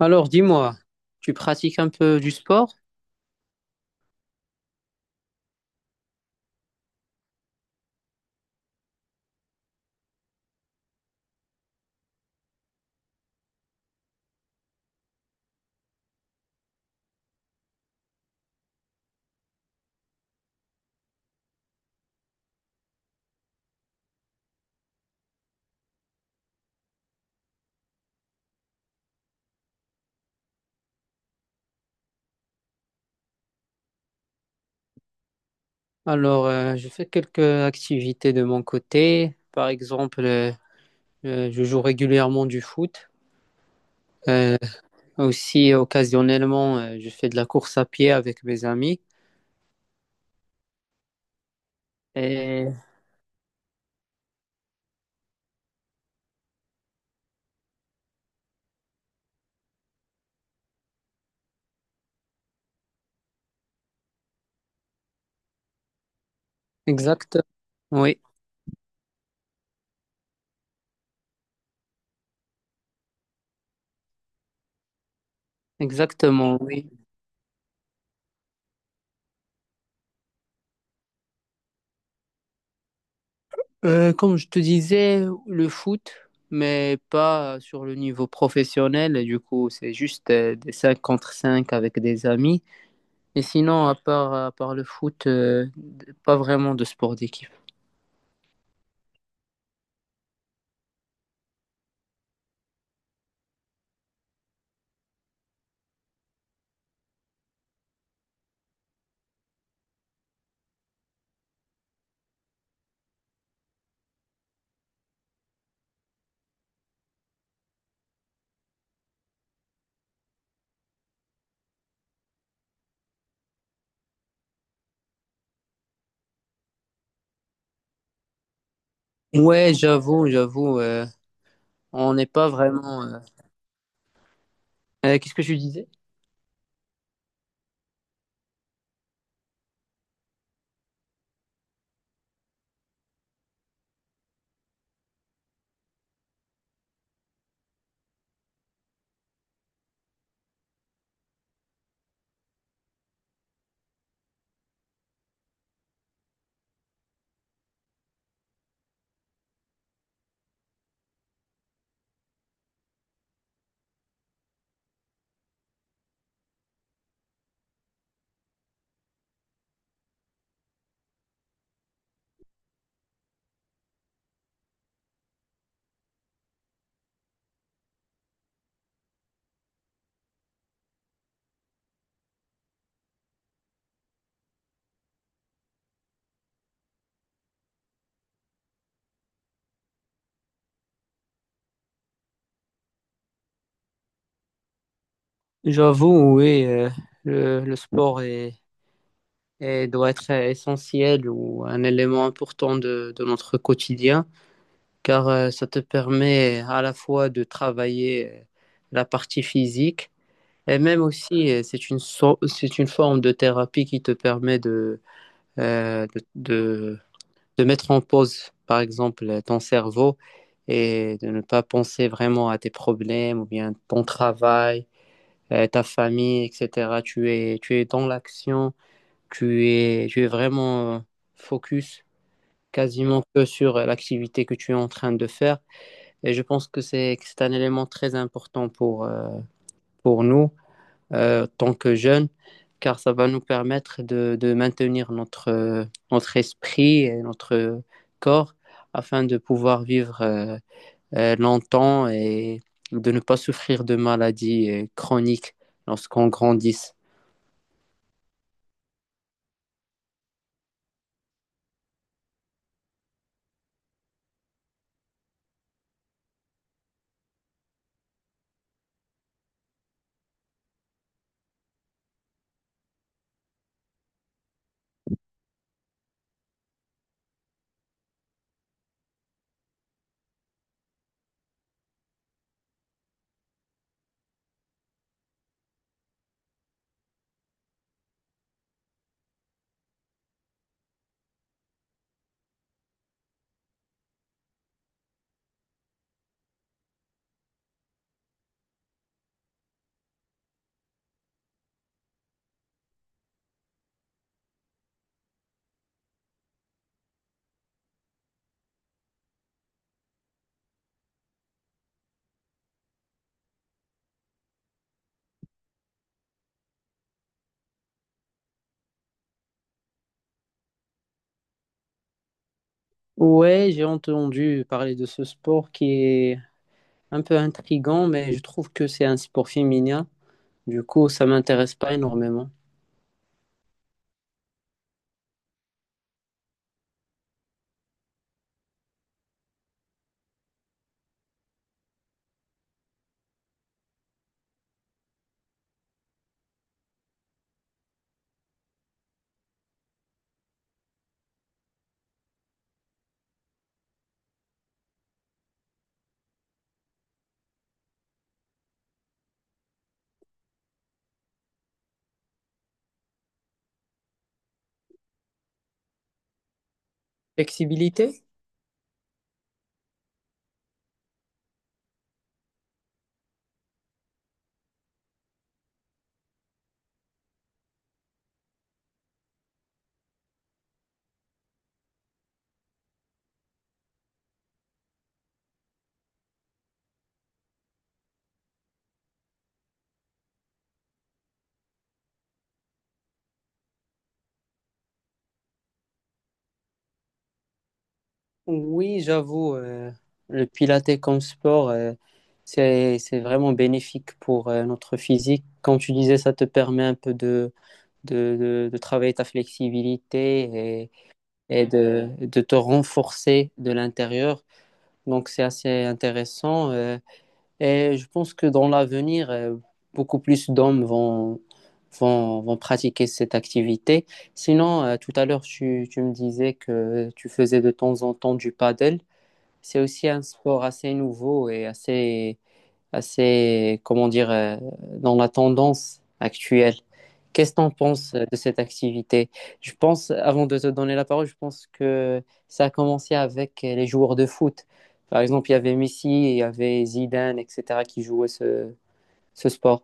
Alors, dis-moi, tu pratiques un peu du sport? Alors, je fais quelques activités de mon côté. Par exemple, je joue régulièrement du foot. Euh, Aussi, occasionnellement, je fais de la course à pied avec mes amis. Et exact, oui, exactement, oui. Comme je te disais, le foot, mais pas sur le niveau professionnel. Du coup, c'est juste des 5 contre 5 avec des amis. Et sinon, à part le foot, pas vraiment de sport d'équipe. Ouais, j'avoue, on n'est pas vraiment. Qu'est-ce que je disais? J'avoue, oui, le sport doit être essentiel ou un élément important de notre quotidien, car ça te permet à la fois de travailler la partie physique et même aussi, c'est une, c'est une forme de thérapie qui te permet euh, de, de mettre en pause, par exemple, ton cerveau et de ne pas penser vraiment à tes problèmes ou bien ton travail, ta famille, etc. Tu es dans l'action, tu es vraiment focus quasiment que sur l'activité que tu es en train de faire. Et je pense que que c'est un élément très important pour nous en tant que jeune, car ça va nous permettre de maintenir notre, notre esprit et notre corps afin de pouvoir vivre longtemps et de ne pas souffrir de maladies chroniques lorsqu'on grandisse. Ouais, j'ai entendu parler de ce sport qui est un peu intrigant, mais je trouve que c'est un sport féminin. Du coup, ça m'intéresse pas énormément. Flexibilité? Oui, j'avoue, le pilates comme sport, c'est vraiment bénéfique pour notre physique. Comme tu disais, ça te permet un peu de travailler ta flexibilité et, de te renforcer de l'intérieur. Donc, c'est assez intéressant. Et je pense que dans l'avenir, beaucoup plus d'hommes vont pratiquer cette activité. Sinon, tout à l'heure, tu me disais que tu faisais de temps en temps du paddle, c'est aussi un sport assez nouveau et assez comment dire, dans la tendance actuelle. Qu'est-ce que tu en penses de cette activité? Je pense, avant de te donner la parole, je pense que ça a commencé avec les joueurs de foot. Par exemple, il y avait Messi, il y avait Zidane, etc., qui jouaient ce sport.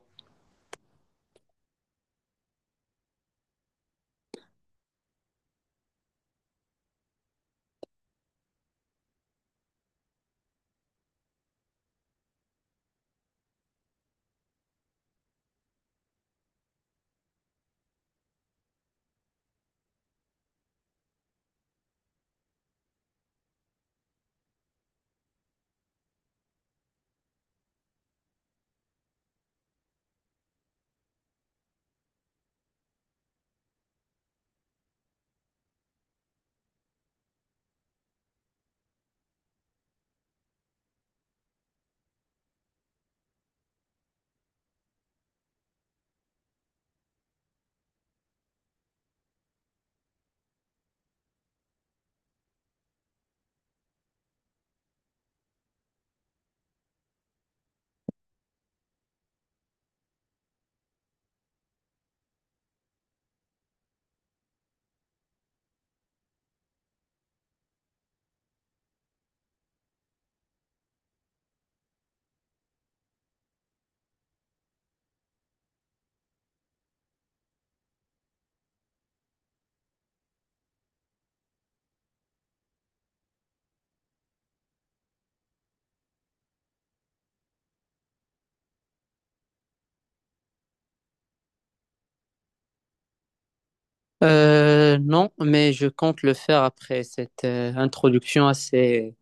Non, mais je compte le faire après cette introduction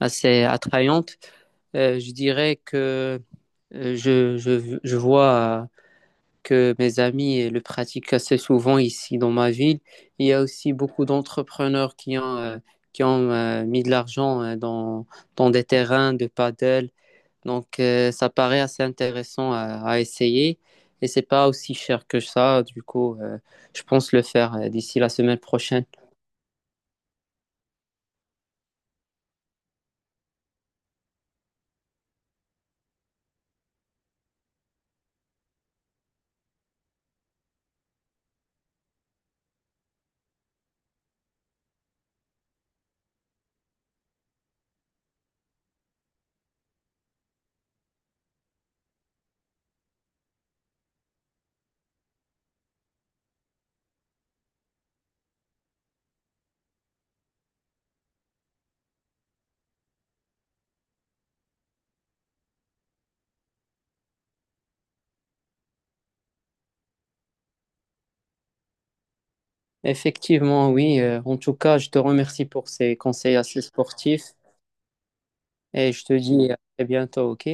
assez attrayante. Je dirais que je vois que mes amis le pratiquent assez souvent ici dans ma ville. Il y a aussi beaucoup d'entrepreneurs qui ont mis de l'argent dans des terrains de paddle. Donc, ça paraît assez intéressant à essayer et c'est pas aussi cher que ça. Du coup, je pense le faire d'ici la semaine prochaine. Effectivement, oui. En tout cas, je te remercie pour ces conseils assez sportifs et je te dis à très bientôt, OK?